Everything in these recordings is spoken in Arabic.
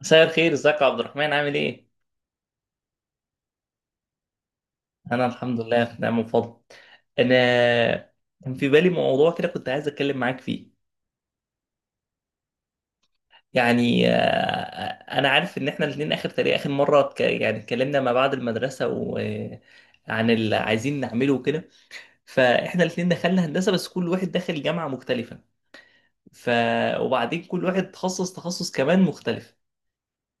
مساء الخير، ازيك يا عبد الرحمن؟ عامل ايه؟ انا الحمد لله في نعم وفضل. انا كان في بالي موضوع كده، كنت عايز اتكلم معاك فيه. يعني آه، انا عارف ان احنا الاثنين اخر، تقريبا اخر مره اتكلمنا ما بعد المدرسه، وعن اللي عايزين نعمله وكده. فاحنا الاثنين دخلنا هندسه، بس كل واحد داخل جامعه مختلفه. ف وبعدين كل واحد تخصص تخصص كمان مختلف.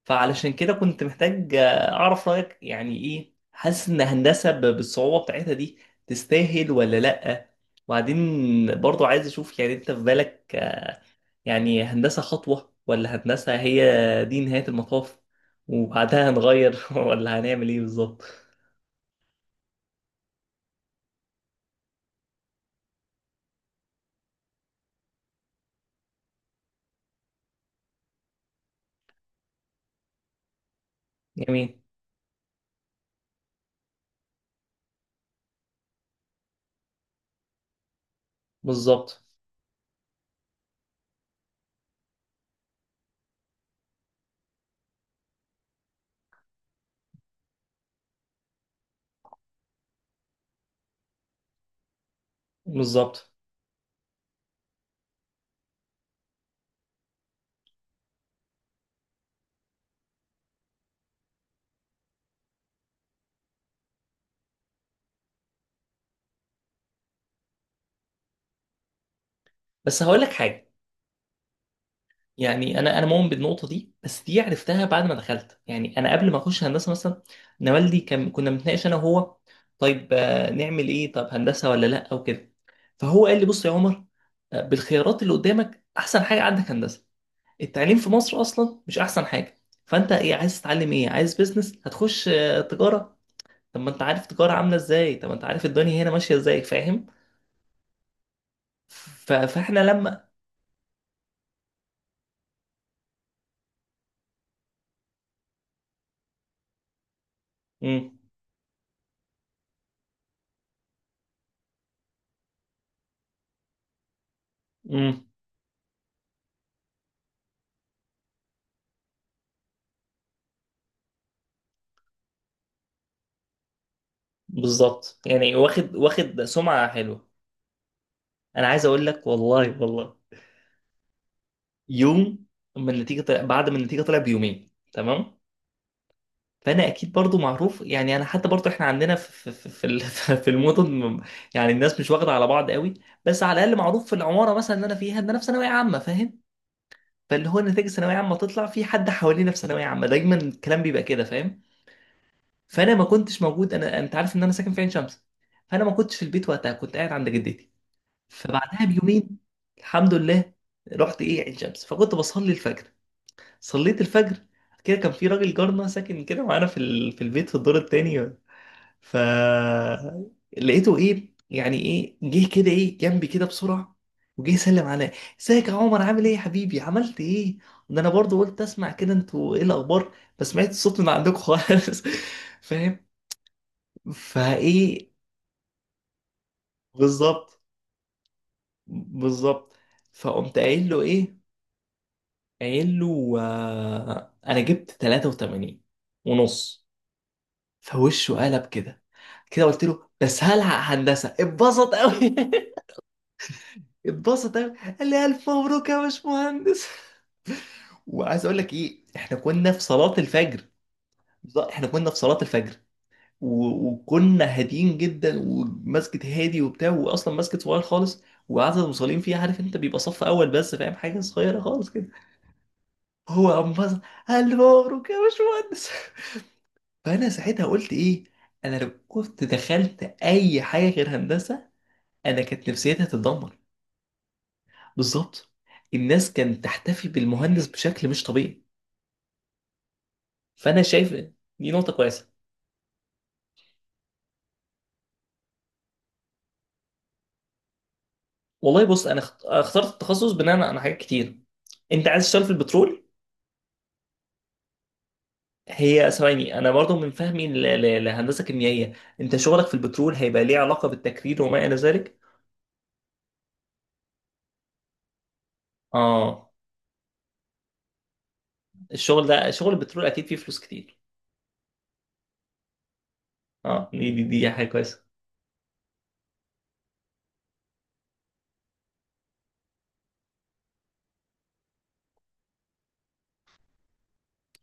فعلشان كده كنت محتاج اعرف رايك، يعني ايه حاسس ان هندسه بالصعوبه بتاعتها دي تستاهل ولا لا. وبعدين برضو عايز اشوف، يعني انت في بالك يعني هندسه خطوه ولا هندسه هي دي نهايه المطاف، وبعدها هنغير ولا هنعمل ايه بالظبط. جميل. بالظبط. بالظبط. بس هقول لك حاجه، يعني انا مؤمن بالنقطه دي، بس دي عرفتها بعد ما دخلت. يعني انا قبل ما اخش هندسه مثلا انا والدي كنا بنتناقش انا وهو، طيب نعمل ايه؟ طب هندسه ولا لا او كده. فهو قال لي بص يا عمر، بالخيارات اللي قدامك احسن حاجه عندك هندسه. التعليم في مصر اصلا مش احسن حاجه، فانت ايه عايز تتعلم؟ ايه عايز بيزنس؟ هتخش تجاره. طب ما انت عارف تجاره عامله ازاي، طب ما انت عارف الدنيا هنا ماشيه ازاي، فاهم؟ فاحنا لما. امم. امم. بالظبط، يعني واخد سمعه حلوه. انا عايز اقول لك والله والله، يوم اما النتيجه طلع، بعد ما النتيجه طلعت بيومين، تمام؟ فانا اكيد برضو معروف، يعني انا حتى برضو احنا عندنا في المدن يعني الناس مش واخده على بعض قوي، بس على الاقل معروف في العماره مثلا اللي انا فيها ان انا في ثانويه عامه، فاهم؟ فاللي هو نتائج ثانويه عامه تطلع، في حد حوالينا في ثانويه عامه، دايما الكلام بيبقى كده، فاهم؟ فانا ما كنتش موجود. انا انت عارف ان انا ساكن في عين شمس، فانا ما كنتش في البيت وقتها، كنت قاعد عند جدتي. فبعدها بيومين، الحمد لله، رحت ايه عين شمس، فكنت بصلي الفجر. صليت الفجر، بعد كده كان في راجل جارنا ساكن كده معانا في في البيت في الدور التاني. ف لقيته ايه، يعني ايه جه كده، ايه جنبي كده بسرعه، وجه يسلم عليا. ازيك يا عمر، عامل ايه يا حبيبي، عملت ايه؟ ده انا برضو قلت اسمع كده انتوا ايه الاخبار، ما سمعت الصوت من عندكم خالص فاهم؟ فايه. بالظبط. بالظبط. فقمت قايل له ايه، قايل له انا جبت 83 ونص. فوشه قلب كده، كده قلت له بس هلحق هندسه، اتبسط قوي اتبسط قوي، قال لي الف مبروك يا باشمهندس. وعايز اقول لك ايه، احنا كنا في صلاه الفجر. بالظبط، احنا كنا في صلاه الفجر، وكنا هاديين جدا، ومسجد هادي وبتاع، واصلا مسجد صغير خالص، وعدد المصلين فيه عارف انت بيبقى صف اول بس، فاهم؟ حاجه صغيره خالص كده. هو انبسط، الف مبروك يا باشمهندس فانا ساعتها قلت ايه، انا لو كنت دخلت اي حاجه غير هندسه انا كانت نفسيتي هتتدمر. بالظبط. الناس كانت تحتفي بالمهندس بشكل مش طبيعي. فانا شايف دي نقطه كويسه. والله بص، انا اخترت التخصص بناء على حاجات كتير. انت عايز تشتغل في البترول. هي ثواني، انا برضو من فهمي لهندسه كيميائيه انت شغلك في البترول هيبقى ليه علاقه بالتكرير وما الى ذلك. اه، الشغل ده شغل البترول اكيد فيه فلوس كتير. اه، دي حاجه كويسه.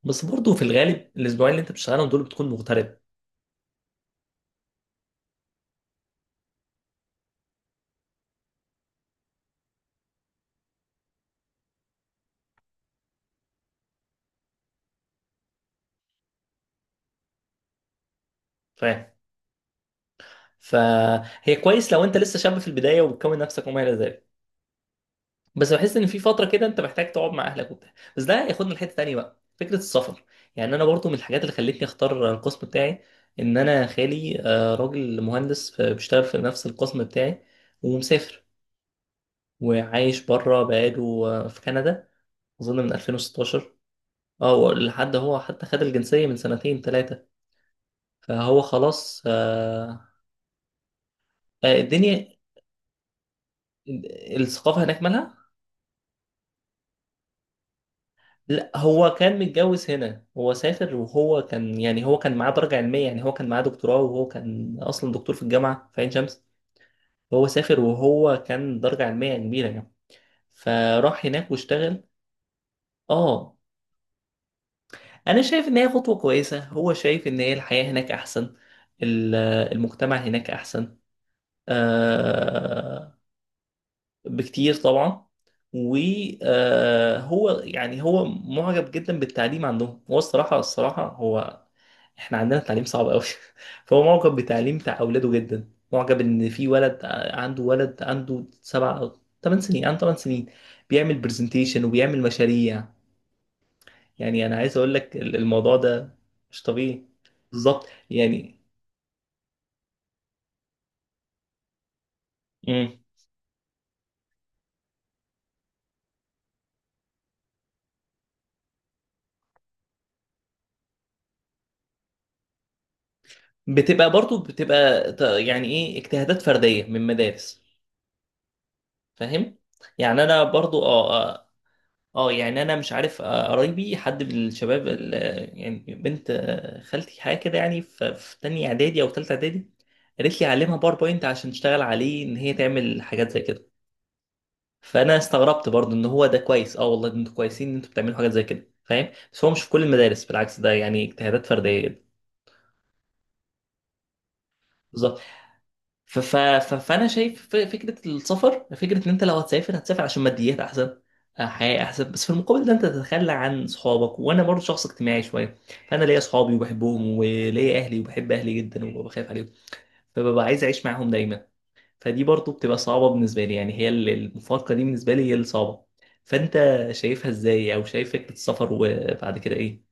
بس برضه في الغالب الاسبوعين اللي انت بتشتغلهم دول بتكون مغترب، فاهم؟ فهي كويس لو انت لسه شاب في البدايه وبتكون نفسك وما الى ذلك، بس بحس ان في فتره كده انت محتاج تقعد مع اهلك وبتاع. بس ده ياخدنا لحته تانيه بقى، فكره السفر. يعني انا برضه من الحاجات اللي خلتني اختار القسم بتاعي ان انا خالي راجل مهندس بيشتغل في نفس القسم بتاعي، ومسافر وعايش بره بقاله في كندا، اظن من 2016. اه، لحد هو حتى خد الجنسيه من سنتين ثلاثه. فهو خلاص الدنيا. الثقافة هناك مالها؟ لا، هو كان متجوز هنا. هو سافر وهو كان، يعني هو كان معاه درجة علمية، يعني هو كان معاه دكتوراه، وهو كان أصلا دكتور في الجامعة في عين شمس. هو سافر وهو كان درجة علمية كبيرة يعني. فراح هناك واشتغل. اه. أنا شايف إن هي خطوة كويسة. هو شايف إن هي الحياة هناك أحسن، ال- المجتمع هناك أحسن آه، بكتير طبعا. وهو يعني هو معجب جدا بالتعليم عندهم. هو الصراحة الصراحة هو، احنا عندنا التعليم صعب قوي فهو معجب بتعليم بتاع أولاده جدا. معجب إن في ولد عنده ولد عنده 7 أو 8 سنين، عنده 8 سنين، بيعمل برزنتيشن وبيعمل مشاريع. يعني أنا عايز أقول لك الموضوع ده مش طبيعي، بالظبط يعني. مم. بتبقى برضو بتبقى ت- يعني إيه، اجتهادات فردية من مدارس، فاهم؟ يعني انا برضو اه اه يعني انا مش عارف، قرايبي حد من الشباب يعني بنت خالتي حاجه كده، يعني في في تانية اعدادي او تالتة اعدادي قالت لي علمها باوربوينت عشان تشتغل عليه، ان هي تعمل حاجات زي كده. فانا استغربت برضو، ان هو ده كويس اه والله، ده انتوا كويسين ان انتوا بتعملوا حاجات زي كده، فاهم؟ بس هو مش في كل المدارس، بالعكس ده يعني اجتهادات فرديه جدا. بالظبط. فانا شايف فكره السفر، فكره ان انت لو هتسافر هتسافر عشان ماديات احسن، حياه احسن، بس في المقابل ده انت تتخلى عن صحابك. وانا برضو شخص اجتماعي شويه، فانا ليا صحابي وبحبهم وليا اهلي وبحب اهلي جدا وبخاف عليهم، فببقى عايز اعيش معاهم دايما. فدي برضو بتبقى صعبه بالنسبه لي. يعني هي المفارقه دي بالنسبه لي هي الصعبه. فانت شايفها ازاي، او شايف فكره السفر وبعد كده ايه؟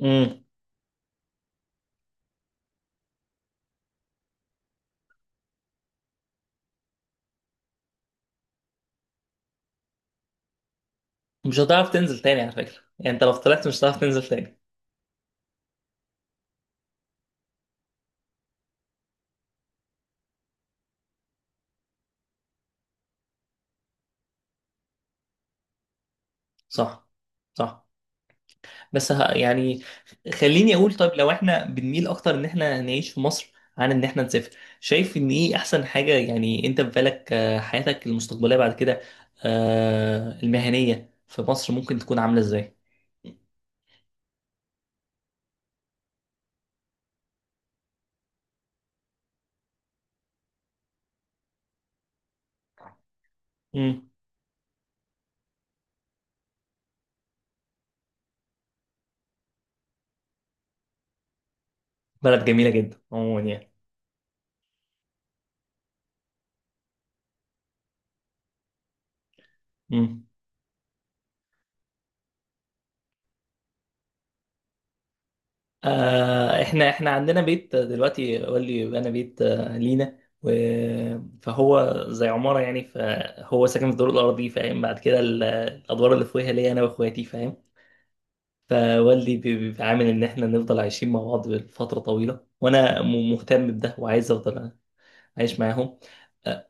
امم. مش هتعرف تنزل تاني على فكره، يعني انت لو طلعت مش هتعرف تنزل تاني. صح. صح. بس ه- يعني خليني اقول، طيب لو احنا بنميل اكتر ان احنا نعيش في مصر عن ان احنا نسافر، شايف ان ايه احسن حاجة؟ يعني انت في بالك حياتك المستقبلية بعد كده المهنية في مصر ممكن تكون عاملة ازاي؟ مم. بلد جميلة جدا عموما يعني. مم. آه، احنا عندنا بيت دلوقتي، قال لي انا بيت لينا فهو زي عمارة يعني، فهو ساكن في الدور الأرضي، فاهم؟ بعد كده الأدوار اللي فوقها ليا أنا وإخواتي، فاهم؟ فوالدي بيبقى عامل ان احنا نفضل عايشين مع بعض لفتره طويله، وانا مهتم بده، وعايز افضل عايش معاهم. آه،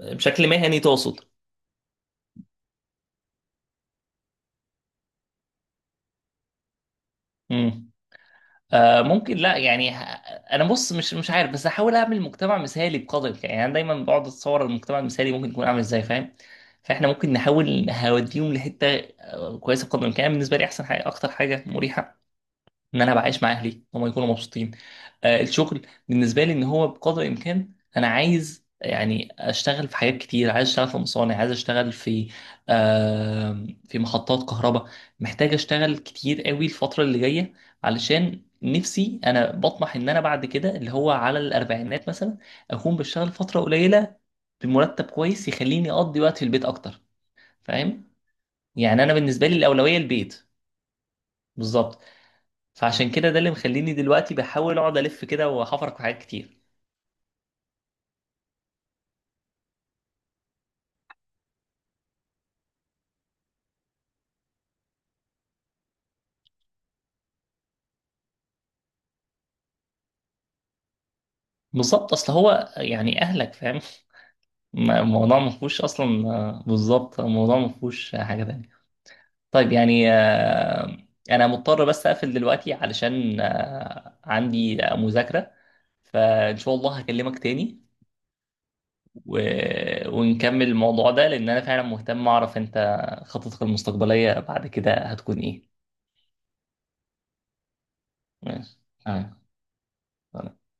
بشكل مهني تقصد؟ امم. آه ممكن لا يعني ه- انا بص، مش عارف، بس هحاول اعمل مجتمع مثالي بقدر الامكان. يعني انا دايما بقعد اتصور المجتمع المثالي ممكن يكون عامل ازاي، فاهم؟ فاحنا ممكن نحاول نوديهم لحته كويسه بقدر الامكان. بالنسبه لي احسن حاجه، اكتر حاجه مريحه، ان انا بعيش مع اهلي هم يكونوا مبسوطين. الشغل بالنسبه لي ان هو بقدر الامكان انا عايز يعني اشتغل في حاجات كتير، عايز اشتغل في مصانع، عايز اشتغل في في محطات كهرباء. محتاج اشتغل كتير قوي الفتره اللي جايه، علشان نفسي انا بطمح ان انا بعد كده اللي هو على الاربعينات مثلا اكون بشتغل فتره قليله بمرتب كويس يخليني اقضي وقت في البيت اكتر، فاهم؟ يعني انا بالنسبه لي الاولويه البيت. بالظبط. فعشان كده ده اللي مخليني دلوقتي بحاول اقعد الف كده وحفرك في حاجات كتير. بالظبط، اصل هو يعني اهلك فاهم الموضوع ما فيهوش اصلا. بالظبط، الموضوع ما فيهوش حاجه تانية. طيب يعني انا مضطر بس اقفل دلوقتي علشان عندي مذاكره، فان شاء الله هكلمك تاني و... ونكمل الموضوع ده، لان انا فعلا مهتم اعرف انت خططك المستقبليه بعد كده هتكون ايه. ماشي. آه.